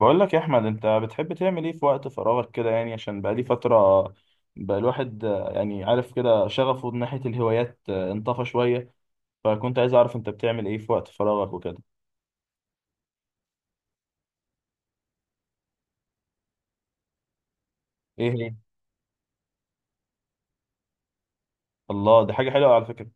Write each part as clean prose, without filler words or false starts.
بقول لك يا احمد، انت بتحب تعمل ايه في وقت فراغك كده؟ يعني عشان بقالي فتره بقى الواحد يعني عارف كده شغفه من ناحيه الهوايات انطفى شويه. فكنت عايز اعرف انت بتعمل ايه في وقت فراغك وكده. ايه هي؟ الله، دي حاجه حلوه على فكره.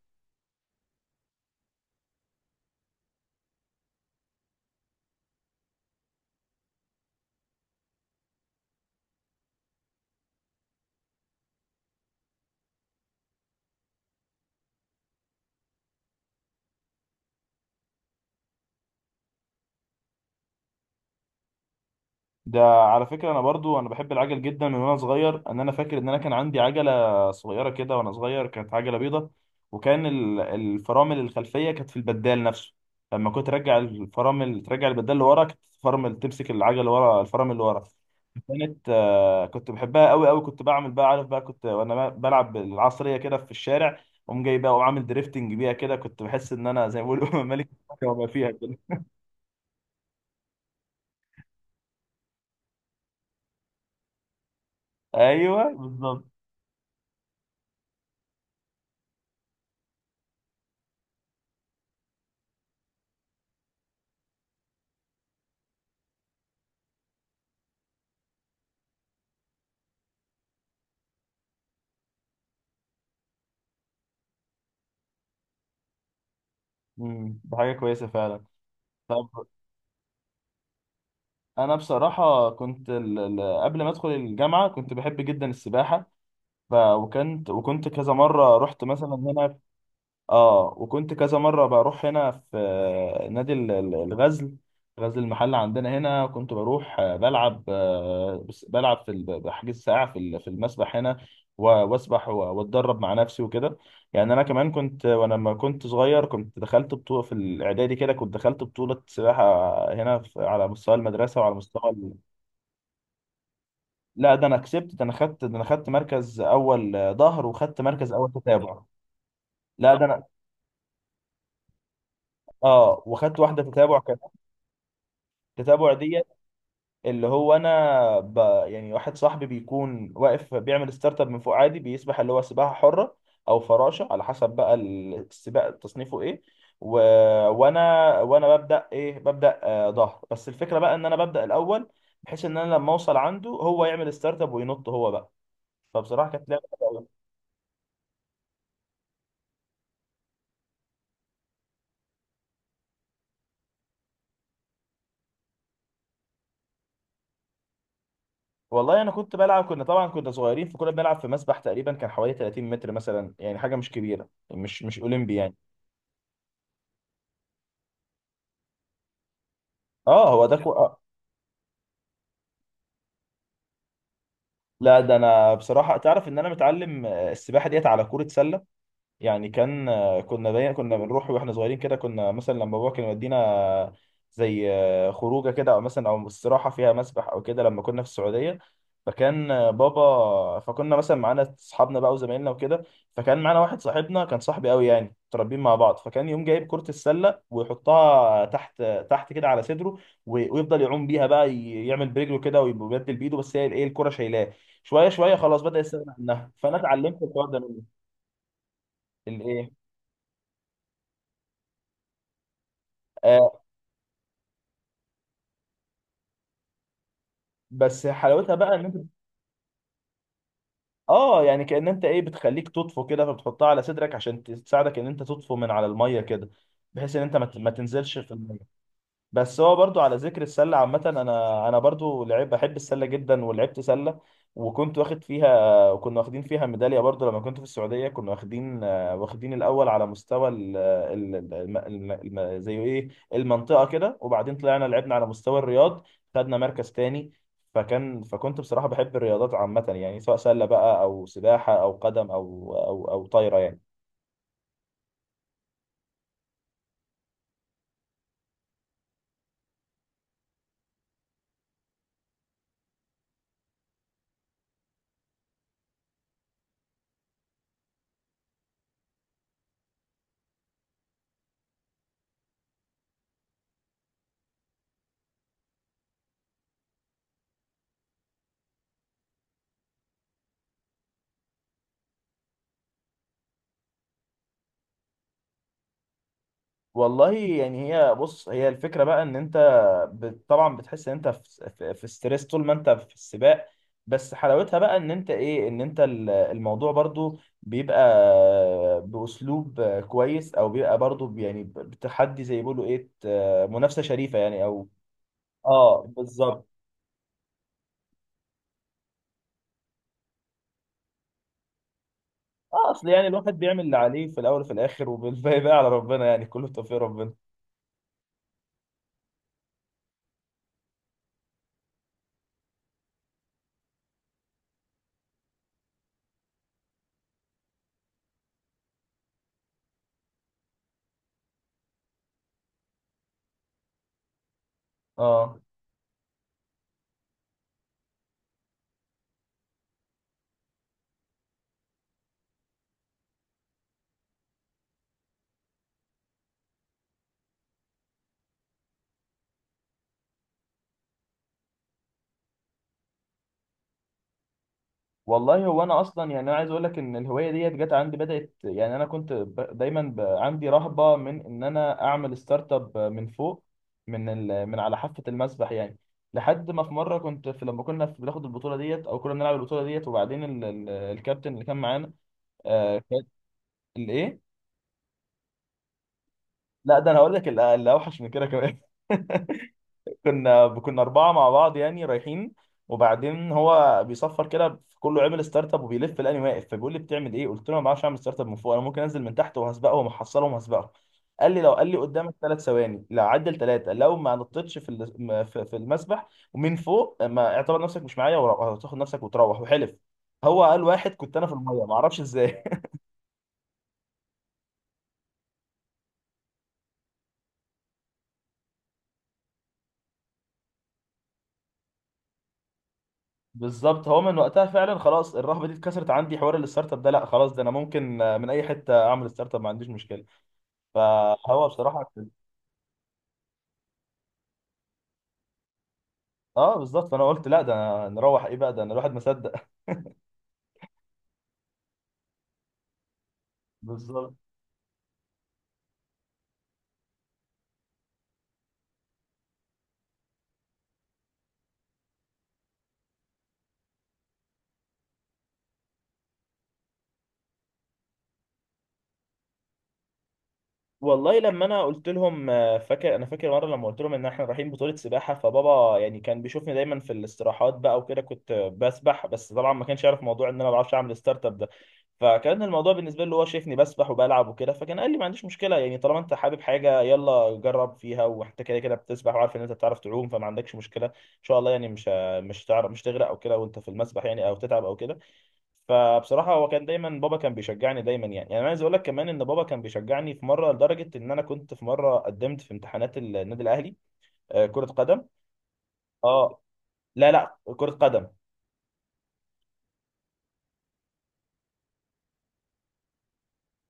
ده على فكرة أنا برضو بحب العجل جدا من وأنا صغير. أن أنا فاكر إن أنا كان عندي عجلة صغيرة كده وأنا صغير، كانت عجلة بيضة. وكان الفرامل الخلفية كانت في البدال نفسه. لما كنت ترجع الفرامل ترجع البدال لورا، كانت الفرامل تمسك العجلة ورا، الفرامل اللي ورا. كانت كنت بحبها قوي قوي، كنت بعمل بقى، عارف بقى، كنت وأنا بلعب بالعصرية كده في الشارع. قوم جاي بقى وعامل دريفتنج بيها كده، كنت بحس إن أنا زي ما بيقولوا ملك الكوكب وما فيها كده. أيوه بالظبط. ده حاجة كويسة فعلا. انا بصراحه كنت قبل ما ادخل الجامعه كنت بحب جدا السباحه. ف... وكنت وكنت كذا مره رحت مثلا هنا. اه، وكنت كذا مره بروح هنا في نادي الغزل، غزل المحله عندنا هنا. كنت بروح بلعب، بلعب في بحجز ساعه في في المسبح هنا واسبح واتدرب مع نفسي وكده. يعني انا كمان كنت وانا لما كنت صغير كنت دخلت بطوله في الاعدادي، كده كنت دخلت بطوله سباحه هنا على مستوى المدرسه وعلى مستوى. لا ده انا كسبت، ده انا خدت مركز اول ظهر، وخدت مركز اول تتابع. لا ده انا. اه، وخدت واحده تتابع كمان. التتابع دي؟ اللي هو انا ب... يعني واحد صاحبي بيكون واقف بيعمل ستارت اب من فوق عادي، بيسبح اللي هو سباحه حره او فراشه على حسب بقى السباق تصنيفه ايه. و... وانا ببدا آه ظهر، بس الفكره بقى ان انا ببدا الاول، بحيث ان انا لما اوصل عنده هو يعمل ستارت اب وينط هو بقى. فبصراحه كانت لعبه. والله انا كنت بلعب، كنا طبعا كنا صغيرين، فكنا بنلعب في مسبح تقريبا كان حوالي 30 متر مثلا، يعني حاجه مش كبيره، مش اولمبي يعني. اه هو ده كو... لا ده انا بصراحه تعرف ان انا متعلم السباحه ديت على كوره سله. يعني كان كنا دايما كنا بنروح واحنا صغيرين كده، كنا مثلا لما بابا كان يودينا زي خروجه كده او مثلا استراحه فيها مسبح او كده لما كنا في السعوديه. فكان آه، بابا فكنا مثلا معانا اصحابنا بقى وزمايلنا وكده، فكان معانا واحد صاحبنا كان صاحبي قوي، يعني متربيين مع بعض، فكان يوم جايب كرة السلة ويحطها تحت، تحت كده على صدره. وي- ويفضل يعوم بيها بقى، يعمل برجله كده ويبدل بايده، بس هي الايه، الكرة شايلاه. شوية شوية خلاص بدأ يستغنى عنها، فانا اتعلمت الحوار ده منه. الايه؟ بس حلاوتها بقى ان انت. اه يعني كأن انت ايه، بتخليك تطفو كده، فبتحطها على صدرك عشان تساعدك ان انت تطفو من على الميه كده، بحيث ان انت ما تنزلش في الميه. بس هو برضو على ذكر السله عامه، انا برضو لعيب بحب السله جدا ولعبت سله. وكنت واخد فيها، وكنا واخدين فيها ميداليه برضو لما كنت في السعوديه. كنا واخدين واخدين الاول على مستوى ال ال ال زي ايه، المنطقه كده. وبعدين طلعنا لعبنا على مستوى الرياض، خدنا مركز تاني. فكان فكنت بصراحه بحب الرياضات عامه، يعني سواء سله بقى او سباحه او قدم او طايره يعني. والله يعني هي بص، هي الفكرة بقى ان انت طبعا بتحس ان انت في ستريس طول ما انت في السباق، بس حلاوتها بقى ان انت ايه، ان انت الموضوع برضو بيبقى باسلوب كويس، او بيبقى برضو بتحدي زي ما بيقولوا ايه، منافسة شريفة يعني او. اه بالظبط. اه اصل يعني الواحد بيعمل اللي عليه في الاول وفي الاخر، وبالباقي بقى على ربنا يعني، كله توفيق ربنا. اه والله هو انا اصلا يعني انا عايز اقول لك ان الهوايه ديت جت عندي بدات، يعني انا كنت ب... دايما ب... عندي رهبه من ان انا اعمل ستارت اب من فوق، من من على حافه المسبح يعني. لحد ما في مره كنت لما كنا في بناخد البطوله ديت او كنا بنلعب البطوله ديت، وبعدين الكابتن اللي كان معانا كان. الايه؟ لا ده انا هقول لك اللي اوحش من كده كمان. كنا اربعه مع بعض يعني رايحين. وبعدين هو بيصفر كده في كله، عمل ستارت اب وبيلف لاني واقف، فبيقول لي بتعمل ايه، قلت له ما بعرفش اعمل ستارت اب من فوق، انا ممكن انزل من تحت وهسبقه ومحصله وهسبقه. قال لي لو، قال لي قدامك ثلاث ثواني، لا عدل ثلاثه، لو ما نطيتش في ال- م- في في المسبح ومن فوق، ما اعتبر نفسك مش معايا، وتاخد نفسك وتروح. وحلف هو، قال واحد كنت انا في الميه ما اعرفش ازاي. بالظبط، هو من وقتها فعلا خلاص الرهبه دي اتكسرت عندي، حوار الستارت اب ده لا خلاص، ده انا ممكن من اي حته اعمل ستارت اب، ما عنديش مشكله. فهو بصراحه اه بالظبط. فانا قلت لا ده نروح ايه بقى، ده أنا الواحد ما صدق. بالظبط. والله لما انا قلت لهم فاكر مره لما قلت لهم ان احنا رايحين بطوله سباحه، فبابا يعني كان بيشوفني دايما في الاستراحات بقى وكده كنت بسبح، بس طبعا ما كانش يعرف موضوع ان انا ما بعرفش اعمل ستارت اب ده. فكان الموضوع بالنسبه له هو شايفني بسبح وبلعب وكده، فكان قال لي ما عنديش مشكله، يعني طالما انت حابب حاجه يلا جرب فيها، وانت كده كده بتسبح وعارف ان انت بتعرف تعوم، فما عندكش مشكله ان شاء الله، يعني مش هتعرف، مش تغرق او كده وانت في المسبح يعني، او تتعب او كده. فبصراحه هو كان دايما، بابا كان بيشجعني دايما يعني. يعني انا عايز اقول لك كمان ان بابا كان بيشجعني، في مره لدرجه ان انا كنت في مره قدمت في امتحانات النادي الاهلي كره قدم. اه لا لا كره قدم.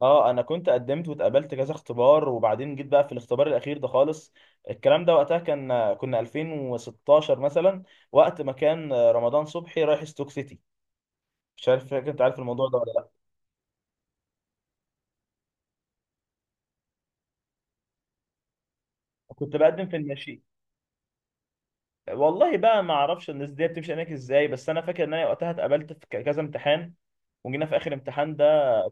اه انا كنت قدمت واتقابلت كذا اختبار، وبعدين جيت بقى في الاختبار الاخير ده خالص. الكلام ده وقتها كان كنا 2016 مثلا، وقت ما كان رمضان صبحي رايح ستوك سيتي، مش عارف فاكر انت عارف الموضوع ده ولا لا. كنت بقدم في الناشئين. والله بقى ما اعرفش الناس دي بتمشي هناك ازاي، بس انا فاكر ان انا وقتها اتقابلت في كذا امتحان، وجينا في اخر امتحان ده.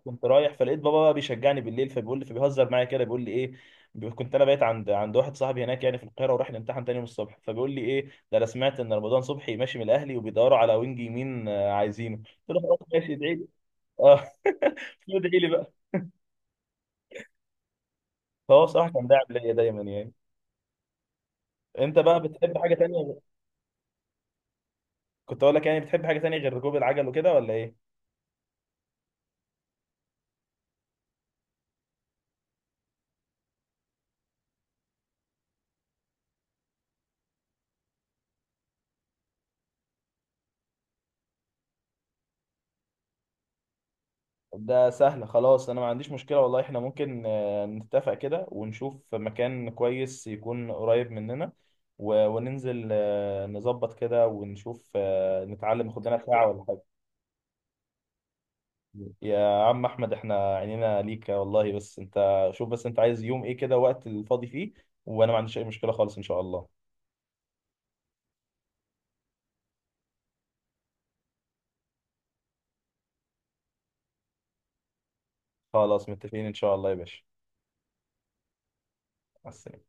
كنت رايح فلقيت بابا بقى بيشجعني بالليل، فبيقول لي، فبيهزر معايا كده بيقول لي ايه، كنت انا بقيت عند واحد صاحبي هناك يعني في القاهره، ورايح الامتحان تاني يوم الصبح، فبيقول لي ايه ده، انا سمعت ان رمضان صبحي ماشي من الاهلي وبيدوروا على وينج يمين عايزينه. قلت له خلاص ماشي، ادعي لي. اه ادعي لي بقى. فهو صراحه كان داعم ليا دايما يعني. انت بقى بتحب حاجه تانيه؟ كنت اقول لك يعني بتحب حاجه تانيه غير ركوب العجل وكده ولا ايه؟ ده سهل خلاص، انا ما عنديش مشكلة والله. احنا ممكن نتفق كده ونشوف مكان كويس يكون قريب مننا، وننزل نظبط كده ونشوف نتعلم، خد لنا ساعة ولا حاجة. يا عم احمد احنا عينينا ليك والله، بس انت شوف، بس انت عايز يوم ايه كده وقت الفاضي فيه، وانا ما عنديش اي مشكلة خالص ان شاء الله. خلاص متفقين ان شاء الله يا باشا. مع السلامة.